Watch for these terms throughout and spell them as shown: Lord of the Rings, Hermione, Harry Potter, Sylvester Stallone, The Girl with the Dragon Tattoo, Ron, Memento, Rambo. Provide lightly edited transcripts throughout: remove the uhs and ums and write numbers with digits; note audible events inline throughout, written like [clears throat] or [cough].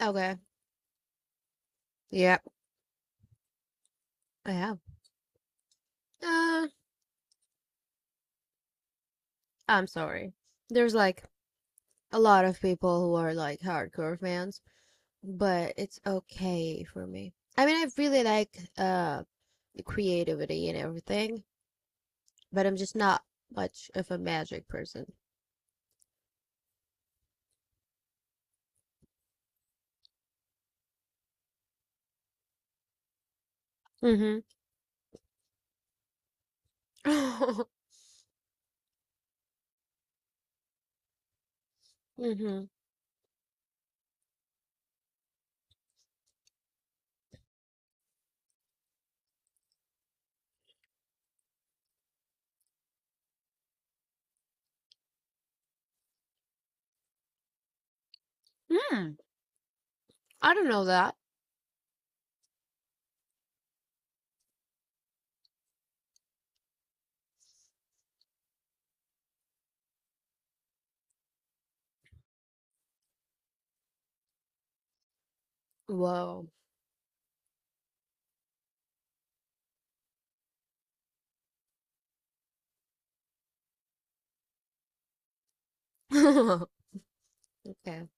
Okay. Yep, I have. Uh, I'm sorry. There's like a lot of people who are like hardcore fans, but it's okay for me. I mean, I really like the creativity and everything, but I'm just not much of a magic person. Mm-hmm. [laughs] Mm-hmm. Hmm. I don't know that. Whoa. [laughs] Okay.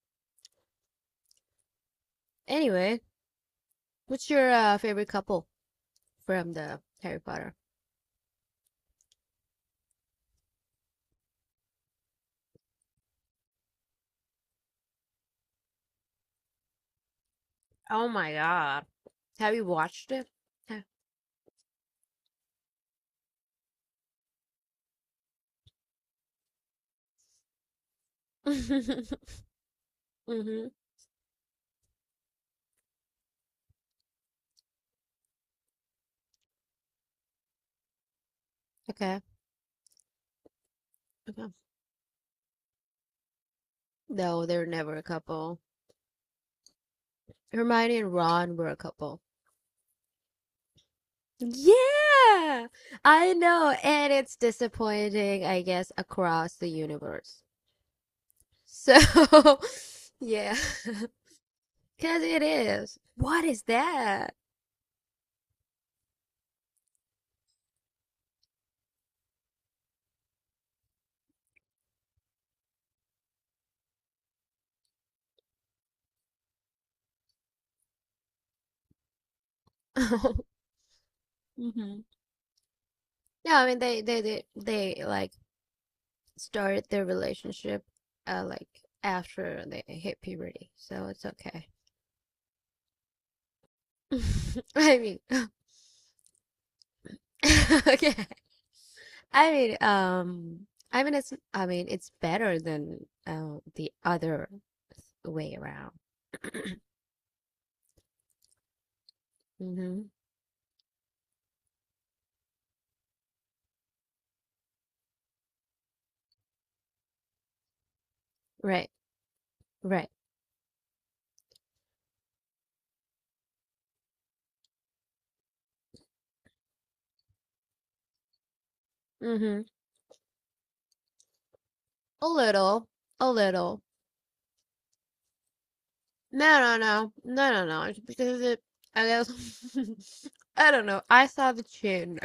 Anyway, what's your favorite couple from the Harry Potter? Oh my God. Have you watched it? [laughs] hmm Okay. Okay. No, they're never a couple. Hermione and Ron were a couple. Yeah, I know, and it's disappointing, I guess, across the universe. So, [laughs] yeah, [laughs] because it is. What is that? [laughs] hmm No, I mean they like started their relationship like after they hit puberty, so it's okay. [laughs] I mean, [laughs] okay. I mean, I mean, I mean, it's better than the other way around. Hmm Right, right. hmm A little, a little. No, no, no, no, no, no. It's because I guess, [laughs] I don't know. I saw the chin.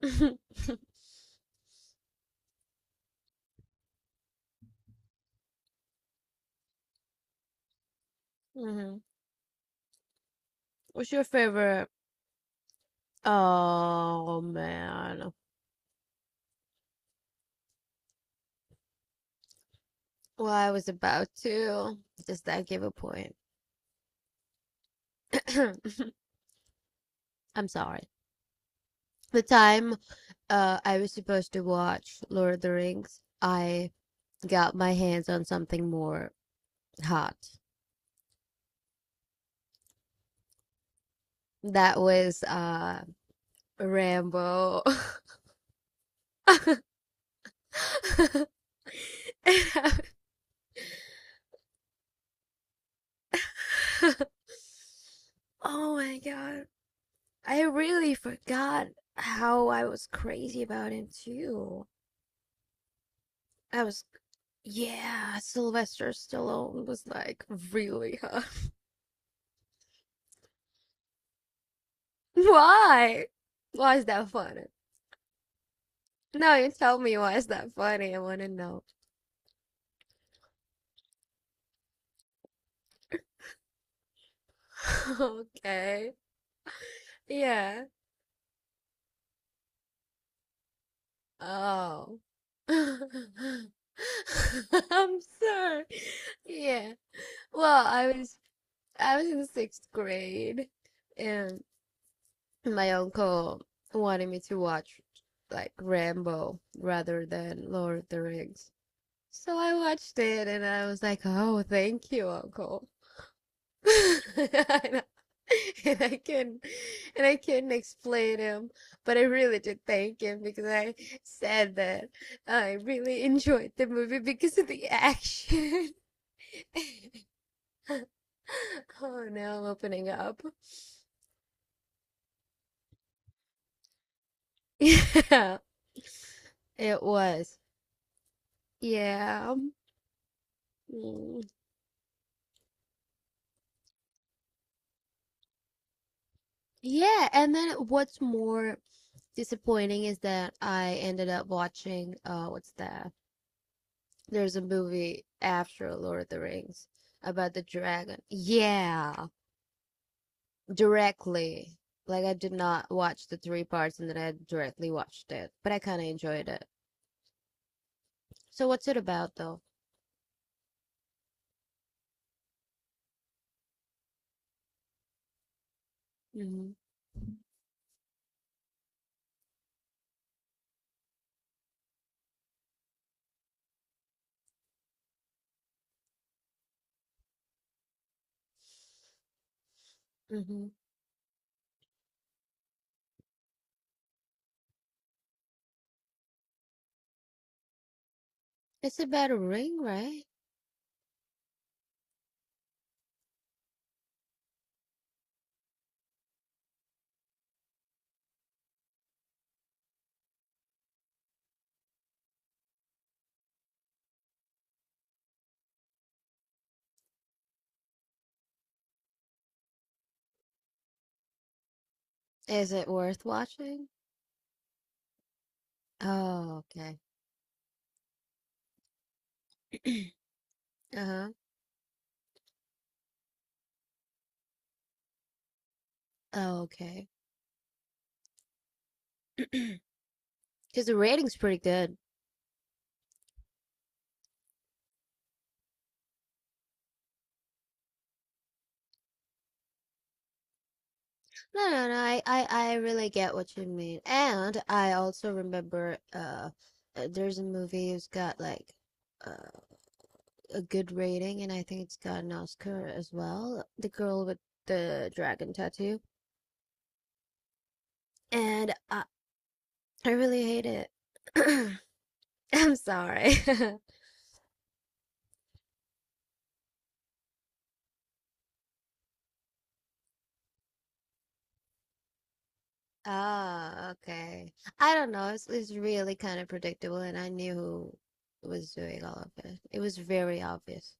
[laughs] hmm What's your favorite? Oh man. Well, I was about to. Does that give a point? [coughs] [clears throat] I'm sorry. The time I was supposed to watch Lord of the Rings, I got my hands on something more hot. That was Rambo. [laughs] Oh my God. I really forgot how I was crazy about him too. I was, yeah, Sylvester Stallone was like really [laughs] hot. Why? Why is that funny? No, you tell me why is that funny? I want to know. [laughs] Okay. Yeah. Oh. [laughs] I'm sorry. Yeah. Well, I was in the sixth grade and my uncle wanted me to watch like Rambo rather than Lord of the Rings. So I watched it and I was like, "Oh, thank you, uncle." [laughs] And I and I couldn't and I couldn't explain him, but I really did thank him because I said that I really enjoyed the movie because of the action. [laughs] Oh no, I'm opening up. [laughs] Yeah, it was. Yeah. Mm. Yeah, and then what's more disappointing is that I ended up watching what's that? There's a movie after Lord of the Rings about the dragon. Yeah, directly. Like I did not watch the three parts and then I directly watched it, but I kind of enjoyed it. So what's it about though? Hmm hmm It's about a ring, right? Is it worth watching? Oh, okay. [clears throat] Uh-huh. Oh, okay. [clears throat] Because the rating's pretty good. No, no, no. I really get what you mean. And I also remember there's a movie who's got like uh, a good rating and I think it's got an Oscar as well. The girl with the dragon tattoo. And I really hate it. [clears throat] I'm sorry. [laughs] Ah, okay. I don't know. It's really kind of predictable and I knew who was doing all of it. It was very obvious.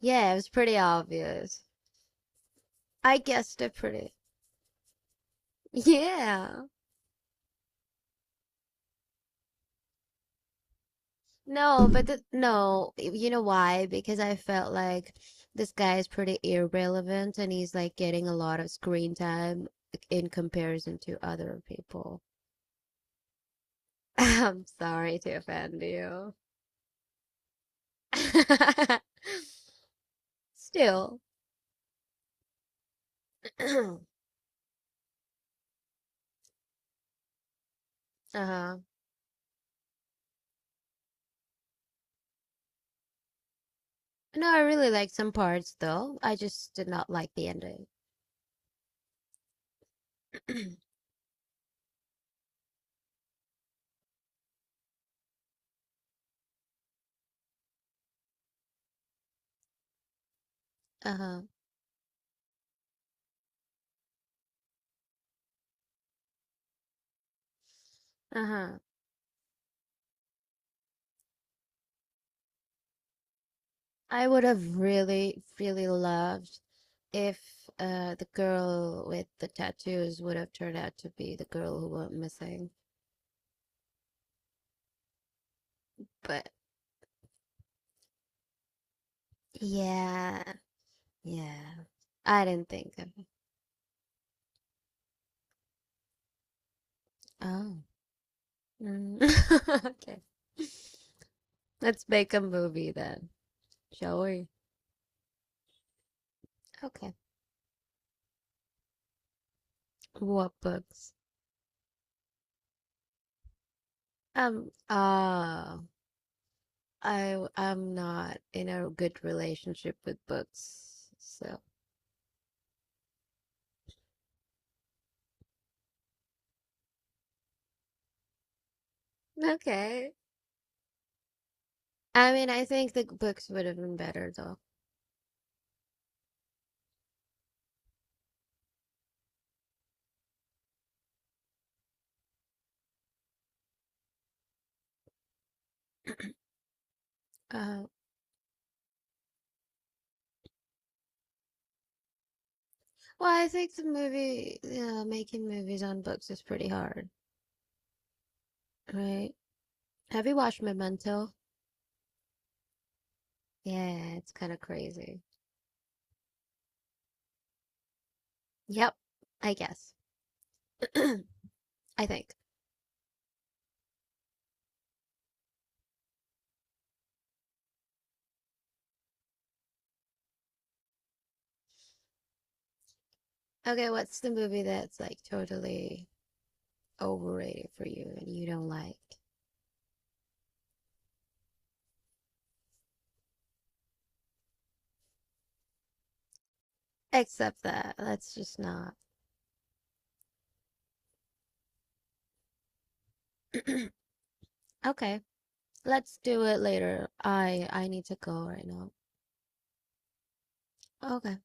Yeah, it was pretty obvious. I guessed it pretty Yeah. No, but th no, y- you know why? Because I felt like this guy is pretty irrelevant and he's like getting a lot of screen time in comparison to other people. [laughs] I'm sorry to offend you. [laughs] Still. [clears throat] Uh-huh. No, I really liked some parts though. I just did not like the ending. [clears throat] Uh-huh. Uh-huh. I would have really, really loved if the girl with the tattoos would have turned out to be the girl who went missing. But yeah, yeah, I didn't think of it. Oh, mm. [laughs] okay. Let's make a movie then, shall we? Okay. What books? Um. Uh, I I'm not in a good relationship with books, so okay. I mean, I think the books would have been better though. Uh, well, I think making movies on books is pretty hard, right? Have you watched Memento? Yeah, it's kind of crazy. Yep, I guess. [clears throat] I think. Okay, what's the movie that's like totally overrated for you and you don't like? Except that, let's just not. [clears throat] Okay, let's do it later. I need to go right now. Okay.